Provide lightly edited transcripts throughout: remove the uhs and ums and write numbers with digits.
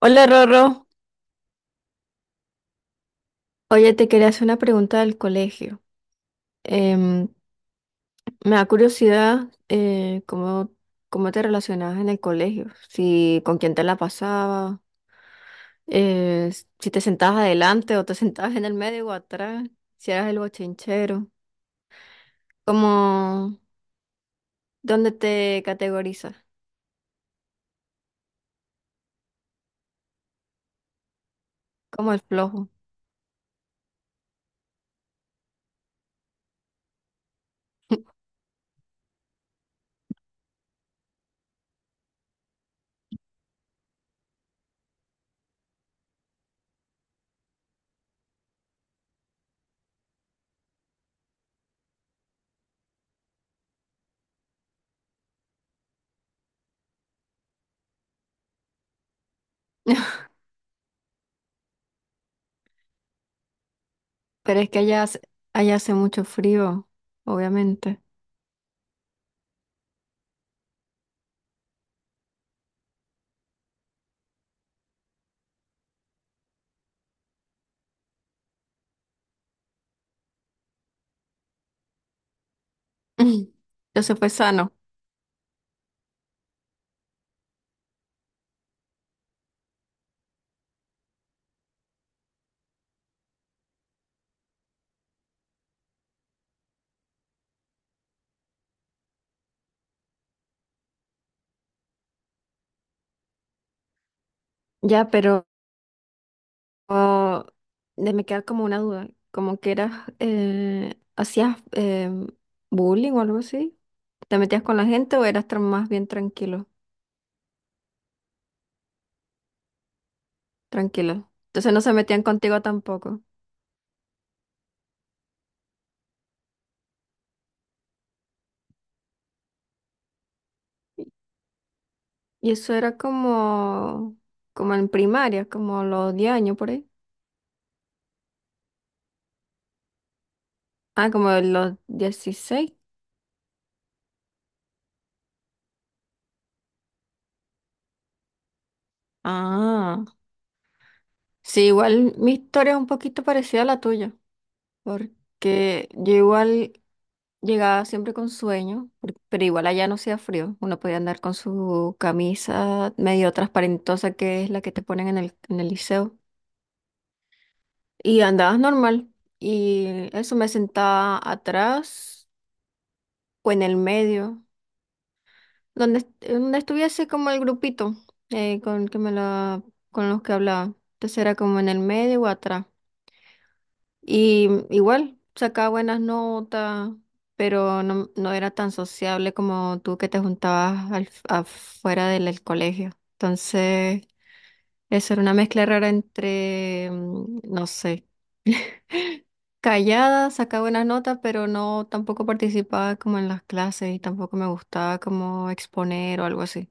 Hola Rorro, oye, te quería hacer una pregunta del colegio. Em, Me da curiosidad cómo, cómo te relacionabas en el colegio, si con quién te la pasabas, eh, si te sentabas adelante o te sentabas en el medio o atrás, si eras el bochinchero, como dónde te categorizas, como el flojo. Pero es que allá, allá hace mucho frío, obviamente. Eso fue sano. Ya, pero Oh, de me queda como una duda, como que eras, hacías bullying o algo así, ¿te metías con la gente o eras más bien tranquilo, tranquilo? Entonces no se metían contigo tampoco. Y eso era como, como en primaria, como los 10 años por ahí. Ah, como los 16. Ah, sí, igual mi historia es un poquito parecida a la tuya, porque yo igual llegaba siempre con sueño, pero igual allá no hacía frío. Uno podía andar con su camisa medio transparentosa, que es la que te ponen en el liceo. Y andabas normal. Y eso me sentaba atrás o en el medio, donde estuviese como el grupito con, el que con los que hablaba. Entonces era como en el medio o atrás. Y igual, sacaba buenas notas, pero no, no era tan sociable como tú que te juntabas afuera del colegio. Entonces, eso era una mezcla rara entre, no sé, callada, sacaba buenas notas, pero no tampoco participaba como en las clases y tampoco me gustaba como exponer o algo así.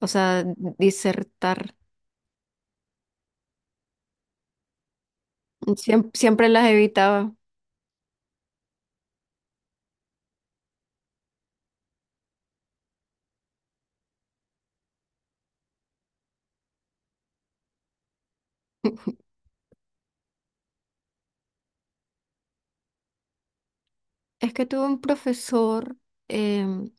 O sea, disertar. Siempre las evitaba. Es que tuve un profesor, em,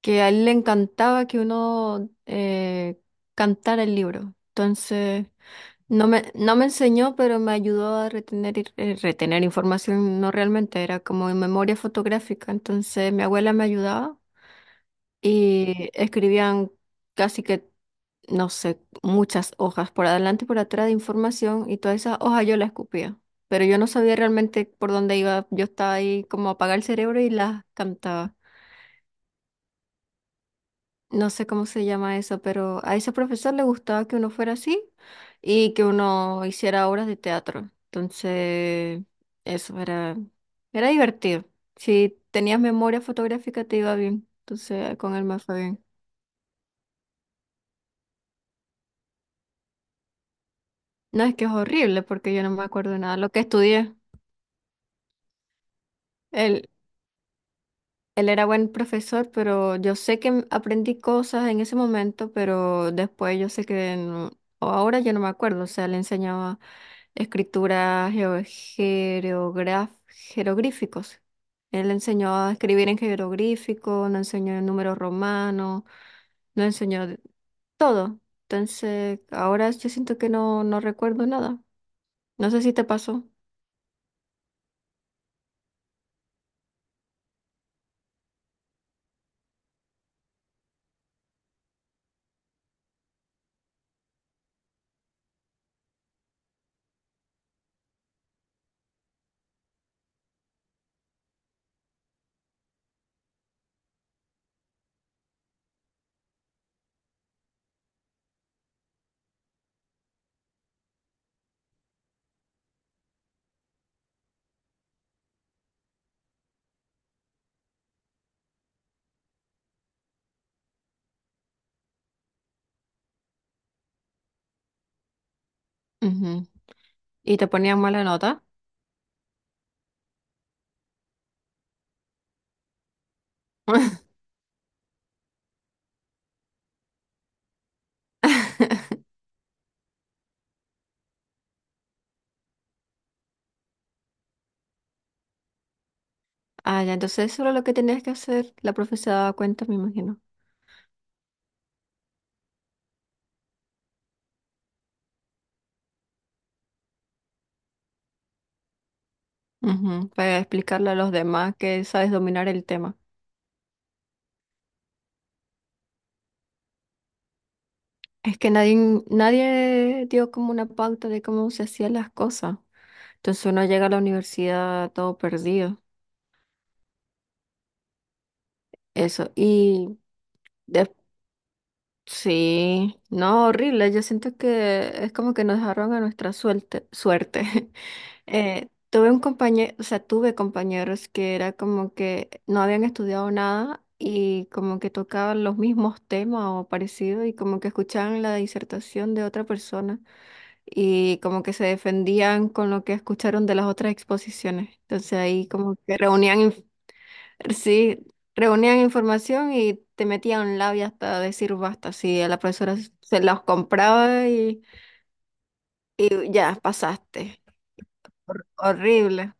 que a él le encantaba que uno cantara el libro. Entonces, no me enseñó, pero me ayudó a retener, retener información, no realmente, era como en memoria fotográfica. Entonces, mi abuela me ayudaba y escribían casi que, no sé, muchas hojas por adelante y por atrás de información y todas esas hojas yo las escupía. Pero yo no sabía realmente por dónde iba, yo estaba ahí como a apagar el cerebro y las cantaba. No sé cómo se llama eso, pero a ese profesor le gustaba que uno fuera así y que uno hiciera obras de teatro. Entonces, eso era, era divertido. Si tenías memoria fotográfica te iba bien. Entonces, con él me fue bien. No, es que es horrible porque yo no me acuerdo nada de lo que estudié. el, Él era buen profesor, pero yo sé que aprendí cosas en ese momento, pero después yo sé que o ahora yo no me acuerdo, o sea, le enseñaba escritura jeroglíficos. Él le enseñó a escribir en jeroglífico, nos enseñó en números romanos, nos enseñó todo. Entonces, ahora yo siento que no, no recuerdo nada. No sé si te pasó. Ujú. ¿Y te ponían mala nota? Ah, ya, entonces eso era lo que tenías que hacer. La profe se daba cuenta, me imagino. Ujú. Para explicarle a los demás que sabes dominar el tema. Es que nadie, nadie dio como una pauta de cómo se hacían las cosas. Entonces uno llega a la universidad todo perdido. Eso. Y sí, no, horrible. Yo siento que es como que nos dejaron a nuestra suerte. Tuve un compañero, o sea, tuve compañeros que era como que no habían estudiado nada y como que tocaban los mismos temas o parecidos y como que escuchaban la disertación de otra persona y como que se defendían con lo que escucharon de las otras exposiciones. Entonces ahí como que reunían. Sí, reunían información y te metían a un lado y hasta decir basta. Sí, a la profesora se los compraba y ya pasaste. Horrible.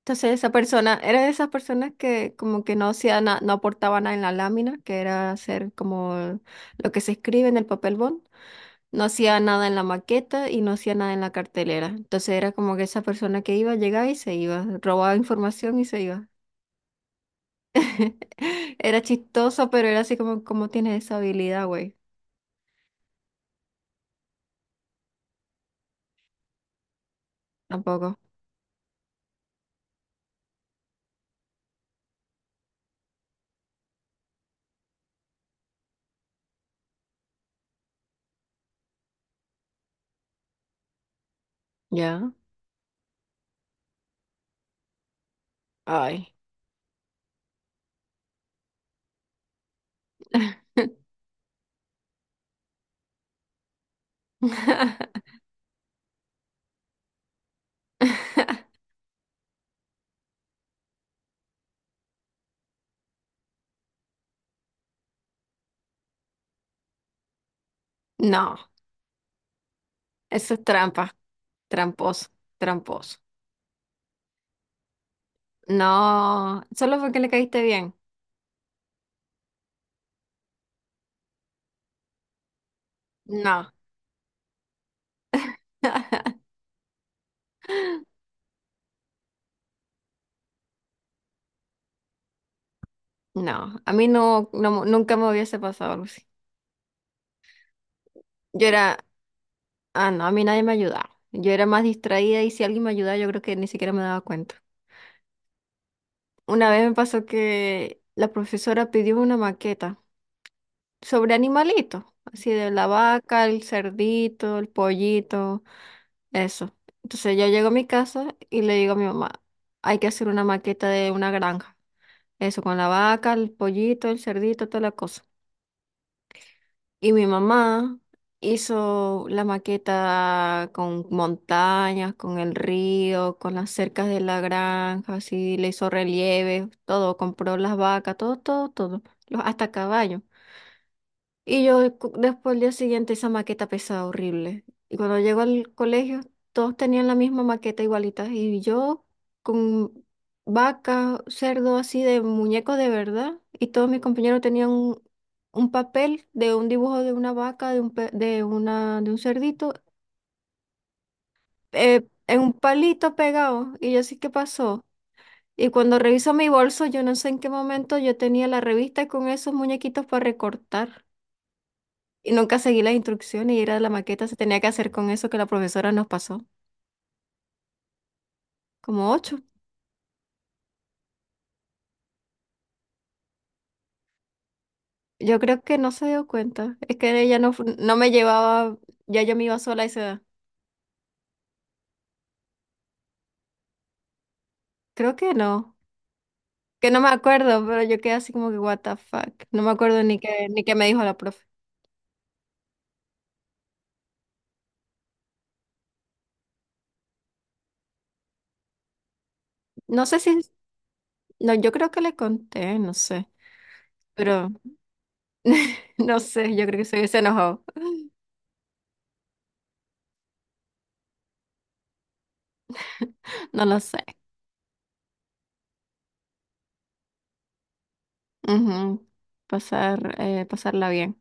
Entonces esa persona, era de esas personas que como que no hacía no aportaba nada en la lámina, que era hacer como lo que se escribe en el papel bond. No hacía nada en la maqueta y no hacía nada en la cartelera. Entonces era como que esa persona que iba, llegaba y se iba, robaba información y se iba. Era chistoso, pero era así como, ¿cómo tienes esa habilidad, güey? Tampoco. Ya. Ay. No, eso es trampa. Tramposo, tramposo. No, solo porque le caíste bien. No, no. A mí no, nunca me hubiese pasado algo así. Yo era, ah, no, a mí nadie me ayudaba. Yo era más distraída y si alguien me ayudaba, yo creo que ni siquiera me daba cuenta. Una vez me pasó que la profesora pidió una maqueta sobre animalitos, así de la vaca, el cerdito, el pollito, eso. Entonces yo llego a mi casa y le digo a mi mamá, hay que hacer una maqueta de una granja, eso con la vaca, el pollito, el cerdito, toda la cosa. Y mi mamá hizo la maqueta con montañas, con el río, con las cercas de la granja, así le hizo relieves, todo, compró las vacas, todo, todo, todo, hasta caballos. Y yo después el día siguiente esa maqueta pesada horrible. Y cuando llego al colegio, todos tenían la misma maqueta igualita. Y yo con vaca, cerdo así de muñeco de verdad. Y todos mis compañeros tenían un papel de un dibujo de una vaca, de una, de un cerdito, en un palito pegado. Y yo así, ¿qué pasó? Y cuando reviso mi bolso, yo no sé en qué momento yo tenía la revista con esos muñequitos para recortar. Y nunca seguí las instrucciones y era la maqueta, se tenía que hacer con eso que la profesora nos pasó, como 8. Yo creo que no se dio cuenta, es que ella no, no me llevaba, ya yo me iba sola a esa edad. Creo que no me acuerdo, pero yo quedé así como que what the fuck, no me acuerdo ni qué, ni qué me dijo la profe. No sé si, no, yo creo que le conté, no sé, pero no sé, yo creo que se hubiese enojado, no lo sé. Ujú. Pasar, pasarla bien,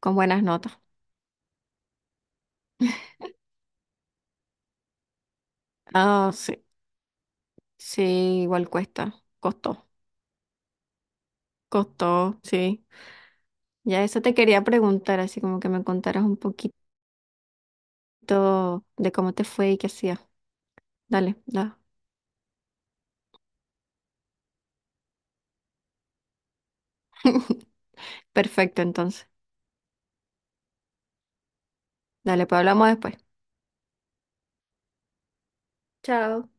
con buenas notas. Ah, sí. Sí, igual cuesta, costó, costó, sí. Ya eso te quería preguntar, así como que me contaras un poquito de cómo te fue y qué hacías. Dale, da. Perfecto, entonces. Dale, pues hablamos después. Chao.